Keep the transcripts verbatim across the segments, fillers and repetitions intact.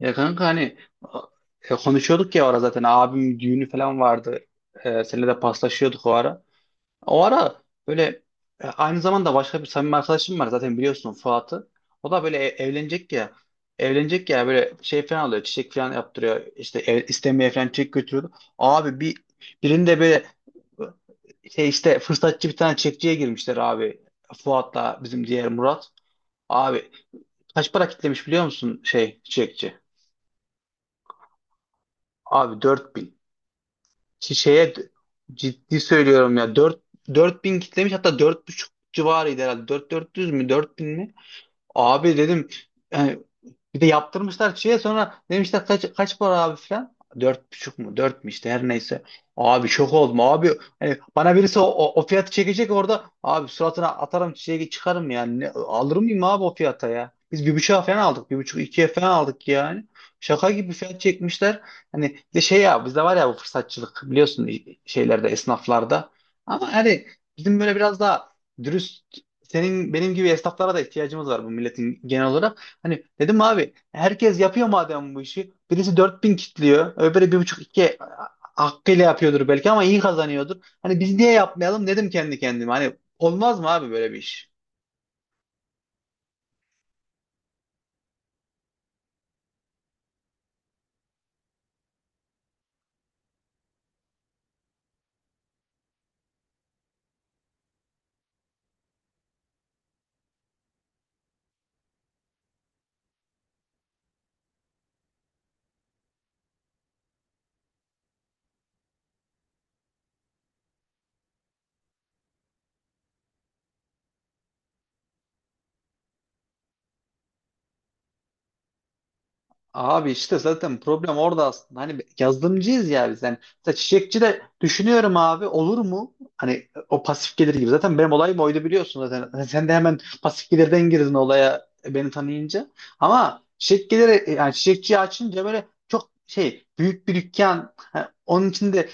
Ya kanka hani, e, konuşuyorduk ya o ara zaten abim düğünü falan vardı. E, seninle de paslaşıyorduk o ara. O ara böyle, e, aynı zamanda başka bir samimi arkadaşım var, zaten biliyorsun Fuat'ı. O da böyle e- evlenecek ya. Evlenecek ya, böyle şey falan alıyor, çiçek falan yaptırıyor. İşte ev istemeye falan çiçek götürüyordu. Abi, bir birinde böyle şey işte fırsatçı bir tane çekçiye girmişler abi. Fuat'la bizim diğer Murat. Abi, kaç para kitlemiş biliyor musun şey çiçekçi? Abi dört bin. Şeye, ciddi söylüyorum ya, dört dört bin kitlemiş, hatta dört buçuk civarıydı herhalde. Dört bin, dört 400 mü, dört bin mi? Abi dedim, yani bir de yaptırmışlar şeye, sonra demişler kaç kaç para abi falan. Dört buçuk mu? Dört mü? İşte her neyse. Abi, şok oldum abi. Hani bana birisi o, o, o fiyatı çekecek orada. Abi, suratına atarım çiçeği, çıkarım yani. Ne, alır mıyım abi o fiyata ya? Biz bir buçuğa falan aldık. Bir buçuk ikiye falan aldık yani. Şaka gibi fiyat çekmişler. Hani bir de şey ya, bizde var ya bu fırsatçılık, biliyorsun, şeylerde, esnaflarda. Ama hani bizim böyle biraz daha dürüst, senin benim gibi esnaflara da ihtiyacımız var bu milletin, genel olarak. Hani dedim abi, herkes yapıyor madem bu işi. Birisi dört bin kitliyor. Öbürü bir buçuk-iki, hakkıyla yapıyordur belki ama iyi kazanıyordur. Hani biz niye yapmayalım dedim kendi kendime. Hani olmaz mı abi böyle bir iş? Abi işte zaten problem orada aslında. Hani yazılımcıyız ya biz. Yani mesela çiçekçi de düşünüyorum abi, olur mu? Hani o pasif gelir gibi. Zaten benim olayım oydu, biliyorsun zaten. Hani sen de hemen pasif gelirden girdin olaya, e, beni tanıyınca. Ama çiçek geliri, e, yani çiçekçiyi açınca böyle çok şey, büyük bir dükkan. Ha, onun içinde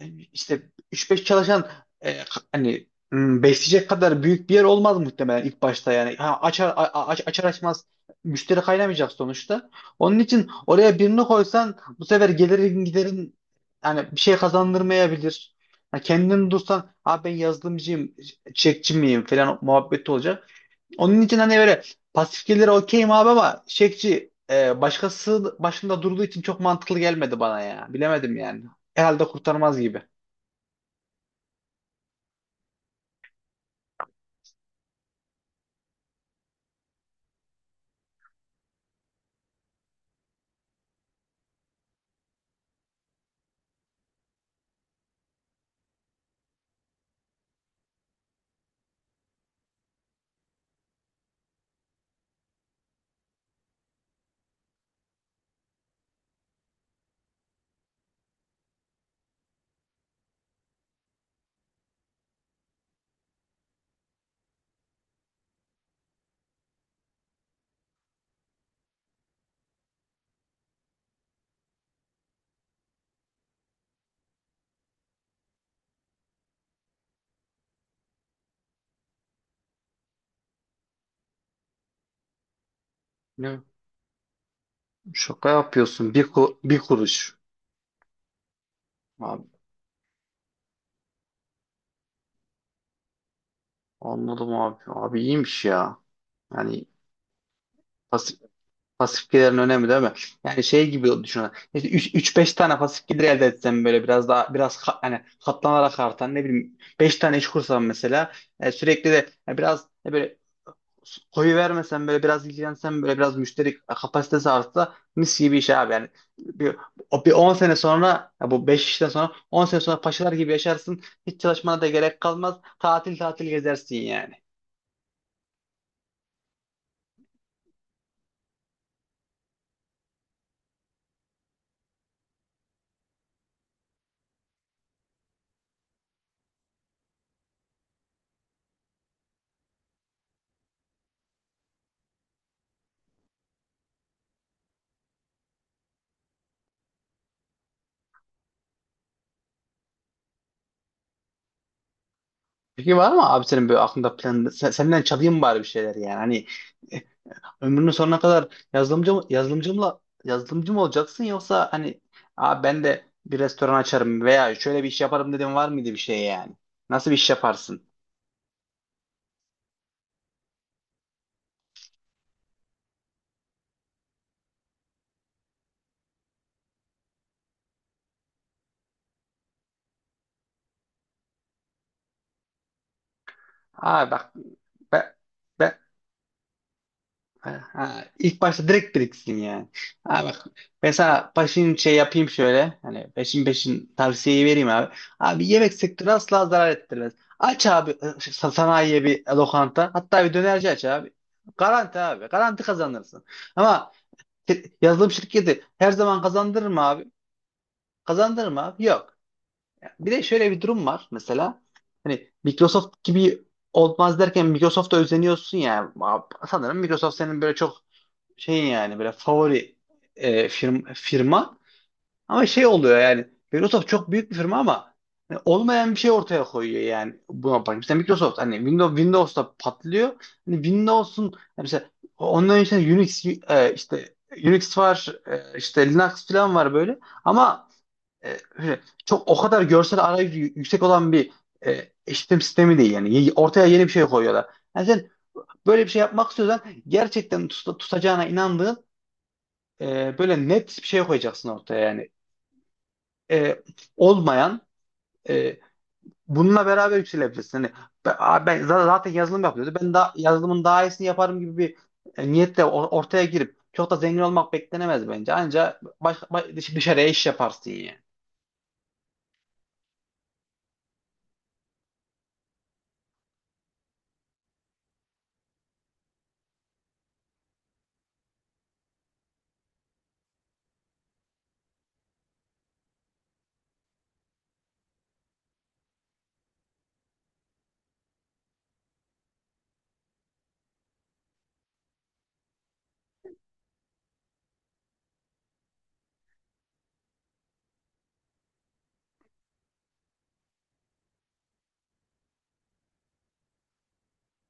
e, işte üç beş çalışan e, hani hmm, besleyecek kadar büyük bir yer olmaz muhtemelen ilk başta yani. Ha, açar, a- a- açar açmaz müşteri kaynamayacak sonuçta. Onun için oraya birini koysan bu sefer gelirin giderin, yani bir şey kazandırmayabilir. Ha, kendini dursan abi ben yazılımcıyım, çekçi miyim falan muhabbeti olacak. Onun için hani böyle pasif gelire okeyim abi, ama çekçi e, başkası başında durduğu için çok mantıklı gelmedi bana ya. Bilemedim yani. Herhalde kurtarmaz gibi. Ne? Şaka yapıyorsun. Bir, ku- bir kuruş. Abi, anladım abi. Abi iyiymiş ya. Yani, pasif gelirin önemli değil mi? Yani şey gibi düşünün. İşte üç beş tane pasif gelir elde etsem, böyle biraz daha biraz ka- hani katlanarak artan ne bileyim beş tane iş kursam mesela, e, sürekli de e, biraz e, böyle koyu vermesem, böyle biraz ilgilensem, böyle biraz müşteri kapasitesi artsa, mis gibi iş abi yani. Bir, o- bir on sene sonra ya, bu beş işten sonra, on sene sonra paşalar gibi yaşarsın. Hiç çalışmana da gerek kalmaz. Tatil tatil gezersin yani. Peki, var mı abi senin böyle aklında plan? Sen- senden çalayım bari bir şeyler yani. Hani ömrünün sonuna kadar yazılımcı mı- yazılımcımla yazılımcı mı olacaksın, yoksa hani, aa, ben de bir restoran açarım veya şöyle bir iş yaparım dedim, var mıydı bir şey yani? Nasıl bir iş yaparsın? Aa bak, ben, ben ha, ilk başta direkt biriksin yani. Aa bak, ben sana peşin şey yapayım, şöyle hani peşin peşin tavsiyeyi vereyim abi. Abi, yemek sektörü asla zarar ettirmez. Aç abi, ıı, sa- sanayiye bir lokanta, hatta bir dönerci aç abi. Garanti abi, garanti kazanırsın. Ama, Te- yazılım şirketi her zaman kazandırır mı abi? Kazandırır mı abi? Yok. Bir de şöyle bir durum var mesela. Hani Microsoft gibi olmaz derken Microsoft'a özeniyorsun ya. Sanırım Microsoft senin böyle çok şeyin, yani böyle favori e, firm- firma. Ama şey oluyor yani, Microsoft çok büyük bir firma ama hani olmayan bir şey ortaya koyuyor, yani buna bak. Mesela Microsoft hani Windows Windows'ta patlıyor. Hani Windows'un, hani mesela onların içinde Unix, e, işte Unix var, e, işte Linux falan var böyle. Ama e, öyle çok o kadar görsel arayüzü yü- yüksek olan bir e, işletim sistemi değil yani. Ye- Ortaya yeni bir şey koyuyorlar. Yani sen böyle bir şey yapmak istiyorsan, gerçekten tuta- tutacağına inandığın, e, böyle net bir şey koyacaksın ortaya, yani, e, olmayan, e, bununla beraber yükselebilirsin. Hani ben, ben zaten yazılım yapıyordu. Ben daha yazılımın daha iyisini yaparım gibi bir e, niyetle or- ortaya girip çok da zengin olmak beklenemez bence. Anca baş, baş, dış- dışarıya iş yaparsın yani.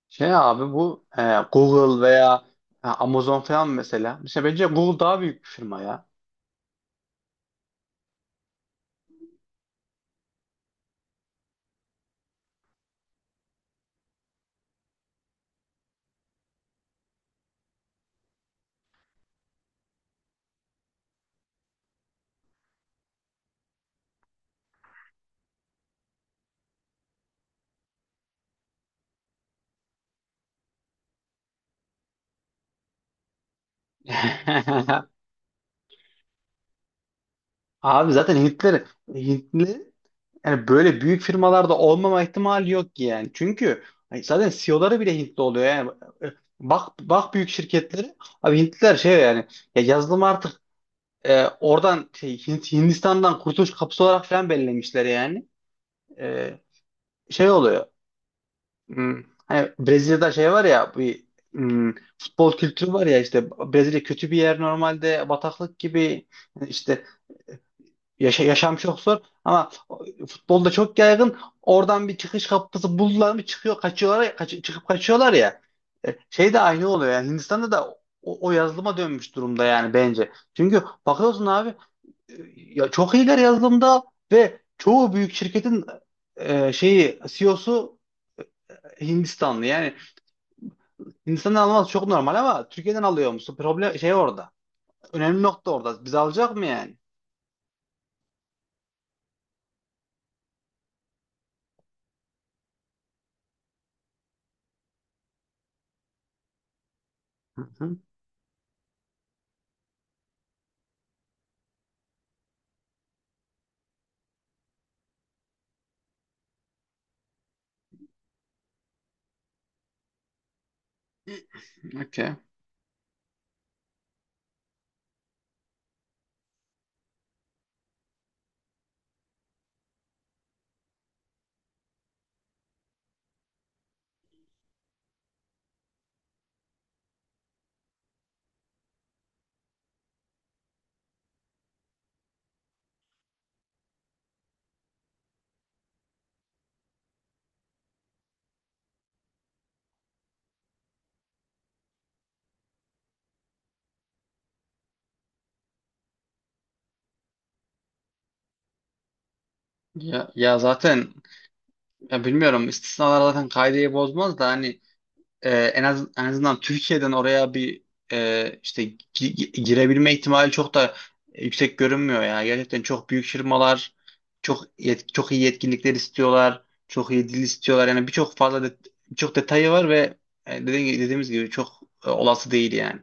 Şey abi, bu e, Google veya e, Amazon falan mesela. Mesela bence Google daha büyük bir firma ya. Abi zaten Hintler Hintli, yani böyle büyük firmalarda olmama ihtimali yok ki yani. Çünkü hani zaten C E O'ları bile Hintli oluyor yani. E, Bak bak, büyük şirketleri. Abi Hintliler şey yani, ya yazılım artık e, oradan şey, Hint- Hindistan'dan kurtuluş kapısı olarak falan belirlemişler yani. E, Şey oluyor. Hmm, hani Brezilya'da şey var ya, bir hmm, futbol kültürü var ya işte, Brezilya kötü bir yer normalde, bataklık gibi. Yani işte Yaşa- yaşam çok zor, ama futbolda çok yaygın. Oradan bir çıkış kapısı buldular mı çıkıyor kaçıyorlar ya, kaç- çıkıp kaçıyorlar ya. E, Şey de aynı oluyor yani, Hindistan'da da o, o yazılıma dönmüş durumda yani bence. Çünkü bakıyorsun abi, e, ya çok iyiler yazılımda, ve çoğu büyük şirketin e, şeyi, C E O'su Hindistanlı. Yani Hindistan'dan alması çok normal, ama Türkiye'den alıyor musun? Problem şey orada. Önemli nokta orada. Biz alacak mı yani? Hı hı. Okey. Ya, ya zaten, ya, bilmiyorum, istisnalar zaten kaideyi bozmaz da, hani e, en az en azından Türkiye'den oraya bir e, işte gi- gi- girebilme ihtimali çok da yüksek görünmüyor ya. Gerçekten çok büyük firmalar, çok yet- çok iyi yetkinlikler istiyorlar, çok iyi dil istiyorlar. Yani birçok fazla det- birçok detayı var, ve e, dediğim gibi- dediğimiz gibi çok e, olası değil yani.